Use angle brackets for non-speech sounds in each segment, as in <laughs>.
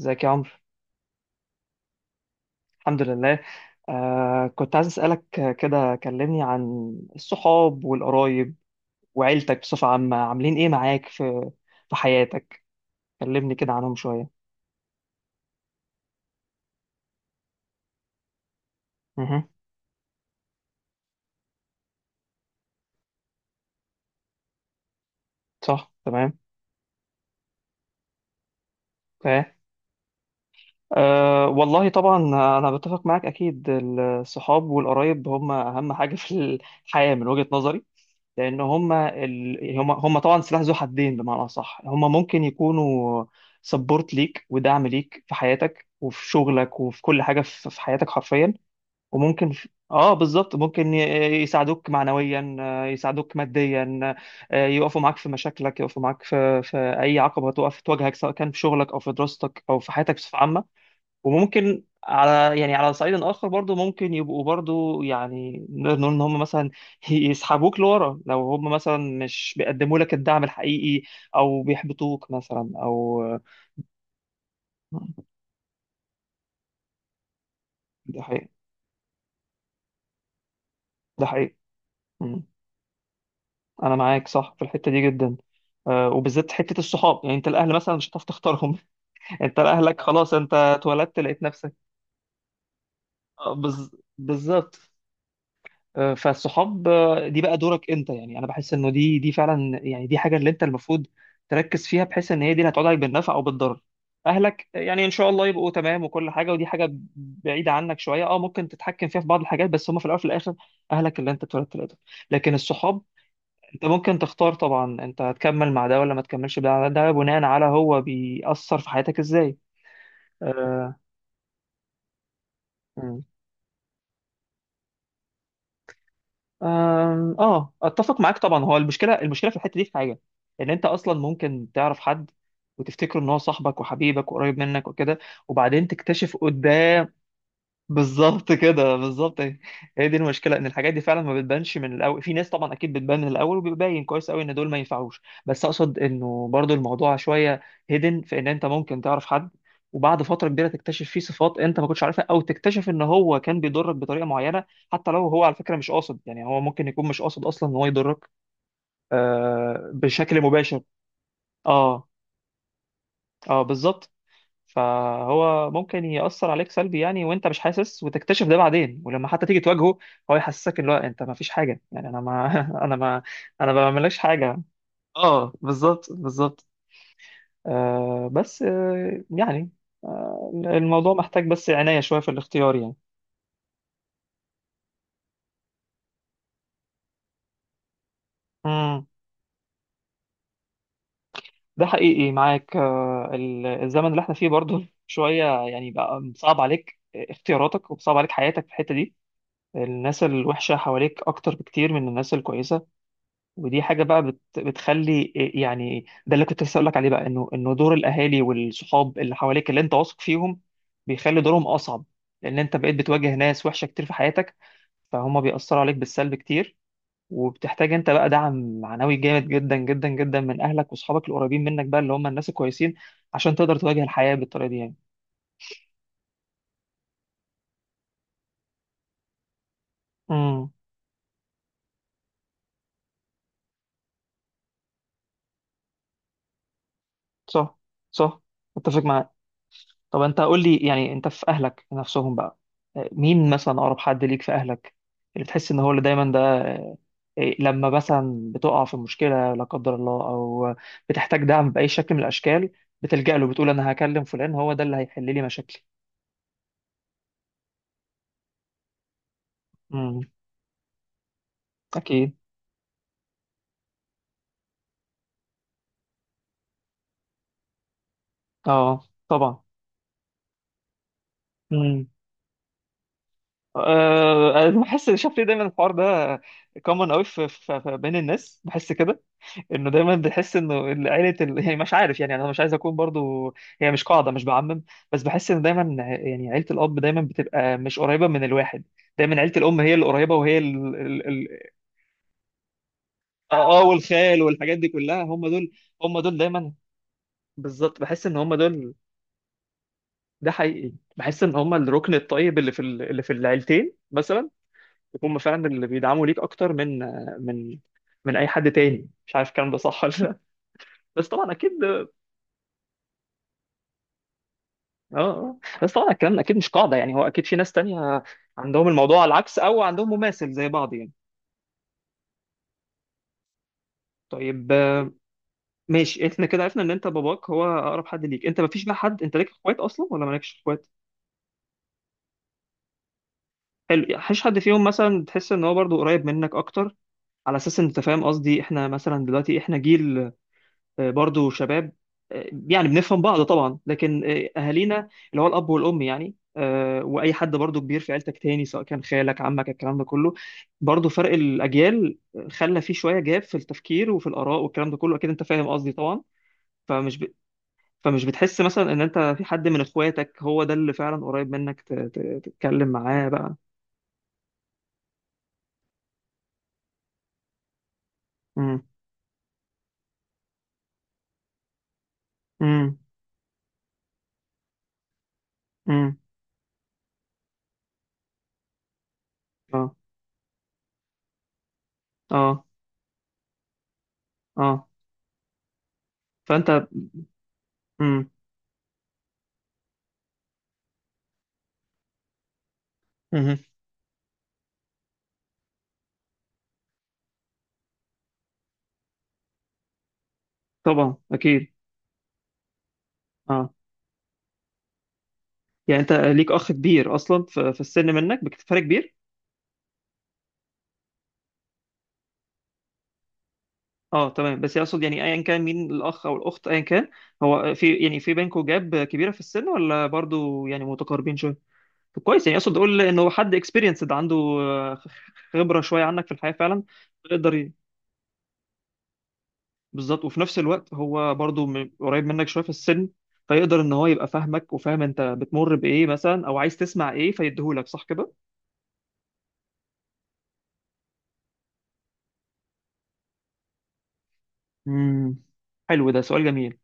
ازيك يا عمرو؟ الحمد لله. كنت عايز اسالك، كده كلمني عن الصحاب والقرايب وعيلتك بصفه عامه عاملين ايه معاك في حياتك. كلمني كده عنهم شويه. مه. صح، تمام. اوكي. آه، والله طبعا. انا بتفق معاك، اكيد الصحاب والقرايب هم اهم حاجه في الحياه من وجهه نظري. لان هم طبعا سلاح ذو حدين، بمعنى اصح هم ممكن يكونوا سبورت ليك ودعم ليك في حياتك وفي شغلك وفي كل حاجه في حياتك حرفيا. وممكن اه، بالظبط، ممكن يساعدوك معنويا، يساعدوك ماديا، يقفوا معاك في مشاكلك، يقفوا معاك في اي عقبه تواجهك، سواء كان في شغلك او في دراستك او في حياتك بصفه عامه. وممكن يعني على صعيد اخر، برضو ممكن يبقوا برضو، يعني نقدر نقول ان هم مثلا <laughs> يسحبوك لورا لو هم مثلا مش بيقدموا لك الدعم الحقيقي، او بيحبطوك مثلا، او... ده حقيقي، ده حقيقي. مم. انا معاك، صح، في الحته دي جدا. وبالذات حته الصحاب، يعني انت الاهل مثلا مش هتعرف تختارهم. <laughs> انت لاهلك خلاص، انت اتولدت لقيت نفسك. آه، بز... بالظبط. فالصحاب، دي بقى دورك انت، يعني انا بحس انه دي فعلا، يعني دي حاجه اللي انت المفروض تركز فيها، بحيث ان هي دي اللي هتقعد عليك بالنفع او بالضرر. اهلك يعني ان شاء الله يبقوا تمام وكل حاجه، ودي حاجه بعيده عنك شويه، ممكن تتحكم فيها في بعض الحاجات، بس هم في الاول وفي الاخر اهلك اللي انت اتولدت لقيتهم. لكن الصحاب، انت ممكن تختار طبعا، انت هتكمل مع ده ولا ما تكملش مع ده، ده بناء على هو بيأثر في حياتك ازاي. آه. اه، اتفق معاك طبعا، هو المشكله في الحته دي في حاجه، ان انت اصلا ممكن تعرف حد، وتفتكره ان هو صاحبك وحبيبك وقريب منك وكده، وبعدين تكتشف قدام. بالظبط كده، بالظبط، هي دي المشكله، ان الحاجات دي فعلا ما بتبانش من الاول. في ناس طبعا اكيد بتبان من الاول وبيبين كويس قوي ان دول ما ينفعوش، بس اقصد انه برضو الموضوع شويه هيدن، في ان انت ممكن تعرف حد، وبعد فتره كبيره تكتشف فيه صفات انت ما كنتش عارفها، او تكتشف ان هو كان بيضرك بطريقه معينه، حتى لو هو على فكره مش قاصد، يعني هو ممكن يكون مش قاصد اصلا ان هو يضرك بشكل مباشر. اه، اه، بالظبط. فهو ممكن يأثر عليك سلبي يعني، وانت مش حاسس، وتكتشف ده بعدين، ولما حتى تيجي تواجهه هو يحسسك ان هو انت ما فيش حاجة، يعني انا ما <laughs> انا ما انا ما بعملكش حاجة. اه، بالظبط، بالظبط. بس، يعني، الموضوع محتاج بس عناية شوية في الاختيار يعني. امم ده حقيقي معاك، الزمن اللي احنا فيه برضه شوية، يعني بقى صعب عليك اختياراتك وصعب عليك حياتك في الحتة دي. الناس الوحشة حواليك أكتر بكتير من الناس الكويسة. ودي حاجه بقى بتخلي، يعني ده اللي كنت لسه اقول لك عليه بقى، انه دور الاهالي والصحاب اللي حواليك اللي انت واثق فيهم بيخلي دورهم اصعب، لان انت بقيت بتواجه ناس وحشه كتير في حياتك، فهم بيأثروا عليك بالسلب كتير، وبتحتاج انت بقى دعم معنوي جامد جدا جدا جدا من اهلك واصحابك القريبين منك بقى، اللي هم الناس الكويسين، عشان تقدر تواجه الحياه بالطريقه دي يعني. امم صح، صح، متفق معاك. طب انت قول لي، يعني انت في اهلك نفسهم بقى، مين مثلا اقرب حد ليك في اهلك، اللي بتحس ان هو اللي دايما ده، لما مثلا بتقع في مشكله لا قدر الله، او بتحتاج دعم باي شكل من الاشكال، بتلجأ له، بتقول انا هكلم فلان، هو ده اللي هيحل لي مشاكلي. امم اكيد. اه، طبعا. امم أنا بحس، شايف ليه دايما الحوار ده كومن قوي بين الناس، بحس كده، انه دايما بتحس انه عيله يعني مش عارف، يعني انا مش عايز اكون برضو، هي مش قاعده، مش بعمم، بس بحس ان دايما يعني عيله الاب دايما بتبقى مش قريبه من الواحد، دايما عيله الام هي اللي قريبه. وهي ال... ال... ال... اه، والخال والحاجات دي كلها هم دول، هم دول دايما. بالظبط، بحس ان هم دول. ده حقيقي، بحس ان هم الركن الطيب اللي اللي في العيلتين مثلا، هم فعلا اللي بيدعموا ليك اكتر من من اي حد تاني، مش عارف الكلام ده صح ولا لا. بس طبعا اكيد. اه، آه. بس طبعا الكلام اكيد مش قاعده، يعني هو اكيد في ناس تانية عندهم الموضوع على العكس، او عندهم مماثل زي بعض يعني. طيب، ماشي احنا كده عرفنا ان انت باباك هو اقرب حد ليك، انت مفيش بقى حد، انت ليك اخوات اصلا ولا مالكش اخوات؟ حلو، يعني مفيش حد فيهم مثلا تحس ان هو برضو قريب منك اكتر؟ على اساس ان انت فاهم قصدي، احنا مثلا دلوقتي احنا جيل، برضو شباب، يعني بنفهم بعض طبعا، لكن اهالينا اللي هو الاب والام، يعني واي حد برضو كبير في عيلتك تاني، سواء كان خالك عمك الكلام ده كله، برضو فرق الاجيال خلى فيه شويه جاب في التفكير وفي الاراء، والكلام ده كله اكيد انت فاهم قصدي طبعا. فمش ب... فمش بتحس مثلا ان انت في حد من اخواتك هو ده اللي فعلا قريب منك، تتكلم معاه بقى؟ امم. امم. امم. اه. اه. اه. فانت امم. مهم. طبعا، اكيد. اه، يعني انت ليك اخ كبير اصلا، في السن منك بفرق كبير؟ اه، تمام، بس يقصد يعني ايا كان مين الاخ او الاخت، ايا كان، هو في، يعني، في بينكم جاب كبيره في السن، ولا برضو يعني متقاربين شويه؟ طب كويس، يعني اقصد اقول انه هو حد اكسبيرينسد عنده، خبره شويه عنك في الحياه فعلا. يقدر ي- بالظبط، وفي نفس الوقت هو برضو قريب منك شويه في السن، فيقدر ان هو يبقى فاهمك وفاهم انت بتمر بايه مثلا، او عايز تسمع ايه فيديهولك، صح كده؟ امم حلو، ده سؤال جميل.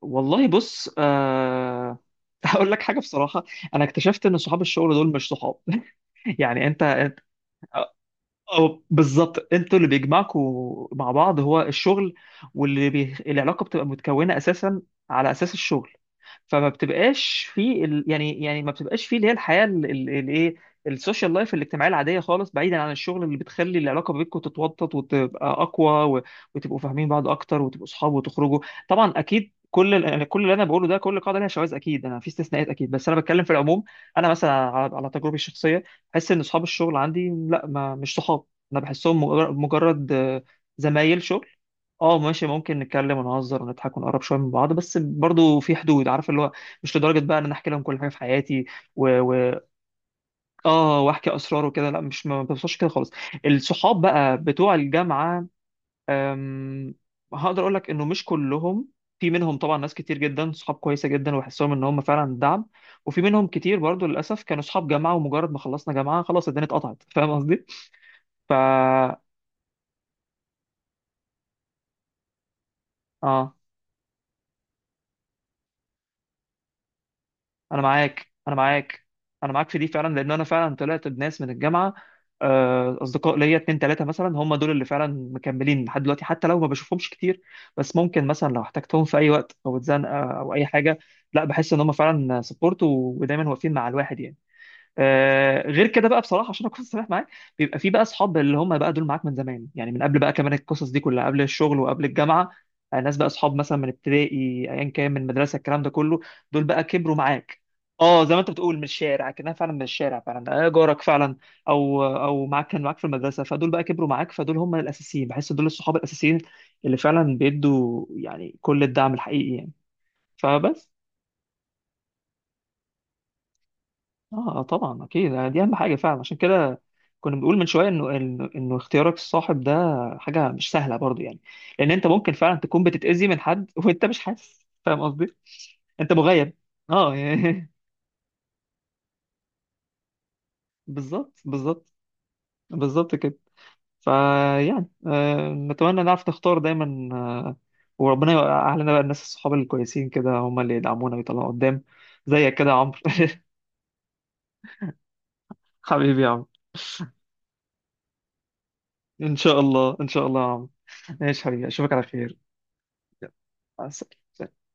والله، بص، <laughs> هقول لك حاجه بصراحه. انا اكتشفت ان صحاب الشغل دول مش صحاب. <laughs> يعني انت أو بالظبط، انتوا اللي بيجمعكوا مع بعض هو الشغل، العلاقه بتبقى متكونه اساسا على اساس الشغل، فما بتبقاش يعني ما بتبقاش في اللي هي الحياه الايه، السوشيال لايف، الاجتماعيه العاديه خالص، بعيدا عن الشغل اللي بتخلي العلاقه بينكم تتوطد وتبقى اقوى و... وتبقوا فاهمين بعض اكتر وتبقوا اصحاب وتخرجوا. طبعا اكيد، يعني كل اللي انا بقوله ده، كل قاعده ليها شواذ اكيد، انا في استثناءات اكيد، بس انا بتكلم في العموم. انا مثلا على تجربتي الشخصيه، بحس ان اصحاب الشغل عندي، لا، ما، مش صحاب. انا بحسهم مجرد زمايل شغل. اه ماشي، ممكن نتكلم ونهزر ونضحك ونقرب شويه من بعض، بس برضو في حدود، عارف اللي هو، مش لدرجه بقى ان انا احكي لهم كل حاجه في حياتي و... و... اه، واحكي اسرار وكده، لا، مش، ما بوصلش كده خالص. الصحاب بقى بتوع الجامعه، أم... هقدر اقول لك انه مش كلهم، في منهم طبعا ناس كتير جدا صحاب كويسه جدا وبحسهم ان هم فعلا دعم، وفي منهم كتير برضو للاسف كانوا صحاب جامعه، ومجرد ما خلصنا جامعه خلاص الدنيا اتقطعت، فاهم قصدي. فا اه، انا معاك، انا معاك، انا معاك في دي فعلا، لان انا فعلا طلعت بناس من الجامعه، اصدقاء ليا اتنين تلاته مثلا، هم دول اللي فعلا مكملين لحد دلوقتي، حتى لو ما بشوفهمش كتير، بس ممكن مثلا لو احتجتهم في اي وقت او اتزنقه او اي حاجه، لا، بحس ان هم فعلا سبورت ودايما واقفين مع الواحد يعني. غير كده بقى بصراحه، عشان اكون صريح معاك، بيبقى في بقى اصحاب اللي هم بقى دول معاك من زمان، يعني من قبل بقى كمان، القصص دي كلها قبل الشغل وقبل الجامعه. ناس بقى اصحاب مثلا من ابتدائي، ايا كان، من مدرسه، الكلام ده كله، دول بقى كبروا معاك. اه، زي ما انت بتقول من الشارع، كانها فعلا من الشارع فعلا، جارك فعلا، او كان معاك في المدرسه، فدول بقى كبروا معاك، فدول هم الاساسيين، بحس دول الصحاب الاساسيين اللي فعلا بيدوا يعني كل الدعم الحقيقي يعني. فبس. اه، طبعا اكيد، يعني دي اهم حاجه فعلا، عشان كده كنا بنقول من شويه انه انه إنه اختيارك الصاحب ده حاجه مش سهله برضو يعني. لان انت ممكن فعلا تكون بتتاذي من حد، <laughs> وانت مش حاسس، فاهم قصدي؟ انت مغيب. اه يعني، <laughs> بالظبط، بالظبط. بالظبط كده. فيعني نتمنى نعرف نختار دايما، وربنا يوقع لنا بقى الناس الصحاب الكويسين كده، هم اللي يدعمونا ويطلعونا قدام، زيك كده يا عمرو. <laughs> حبيبي يا عمرو. ان شاء الله، ان شاء الله يا عمرو. ماشي حبيبي، اشوفك على خير. يلا. مع السلامة.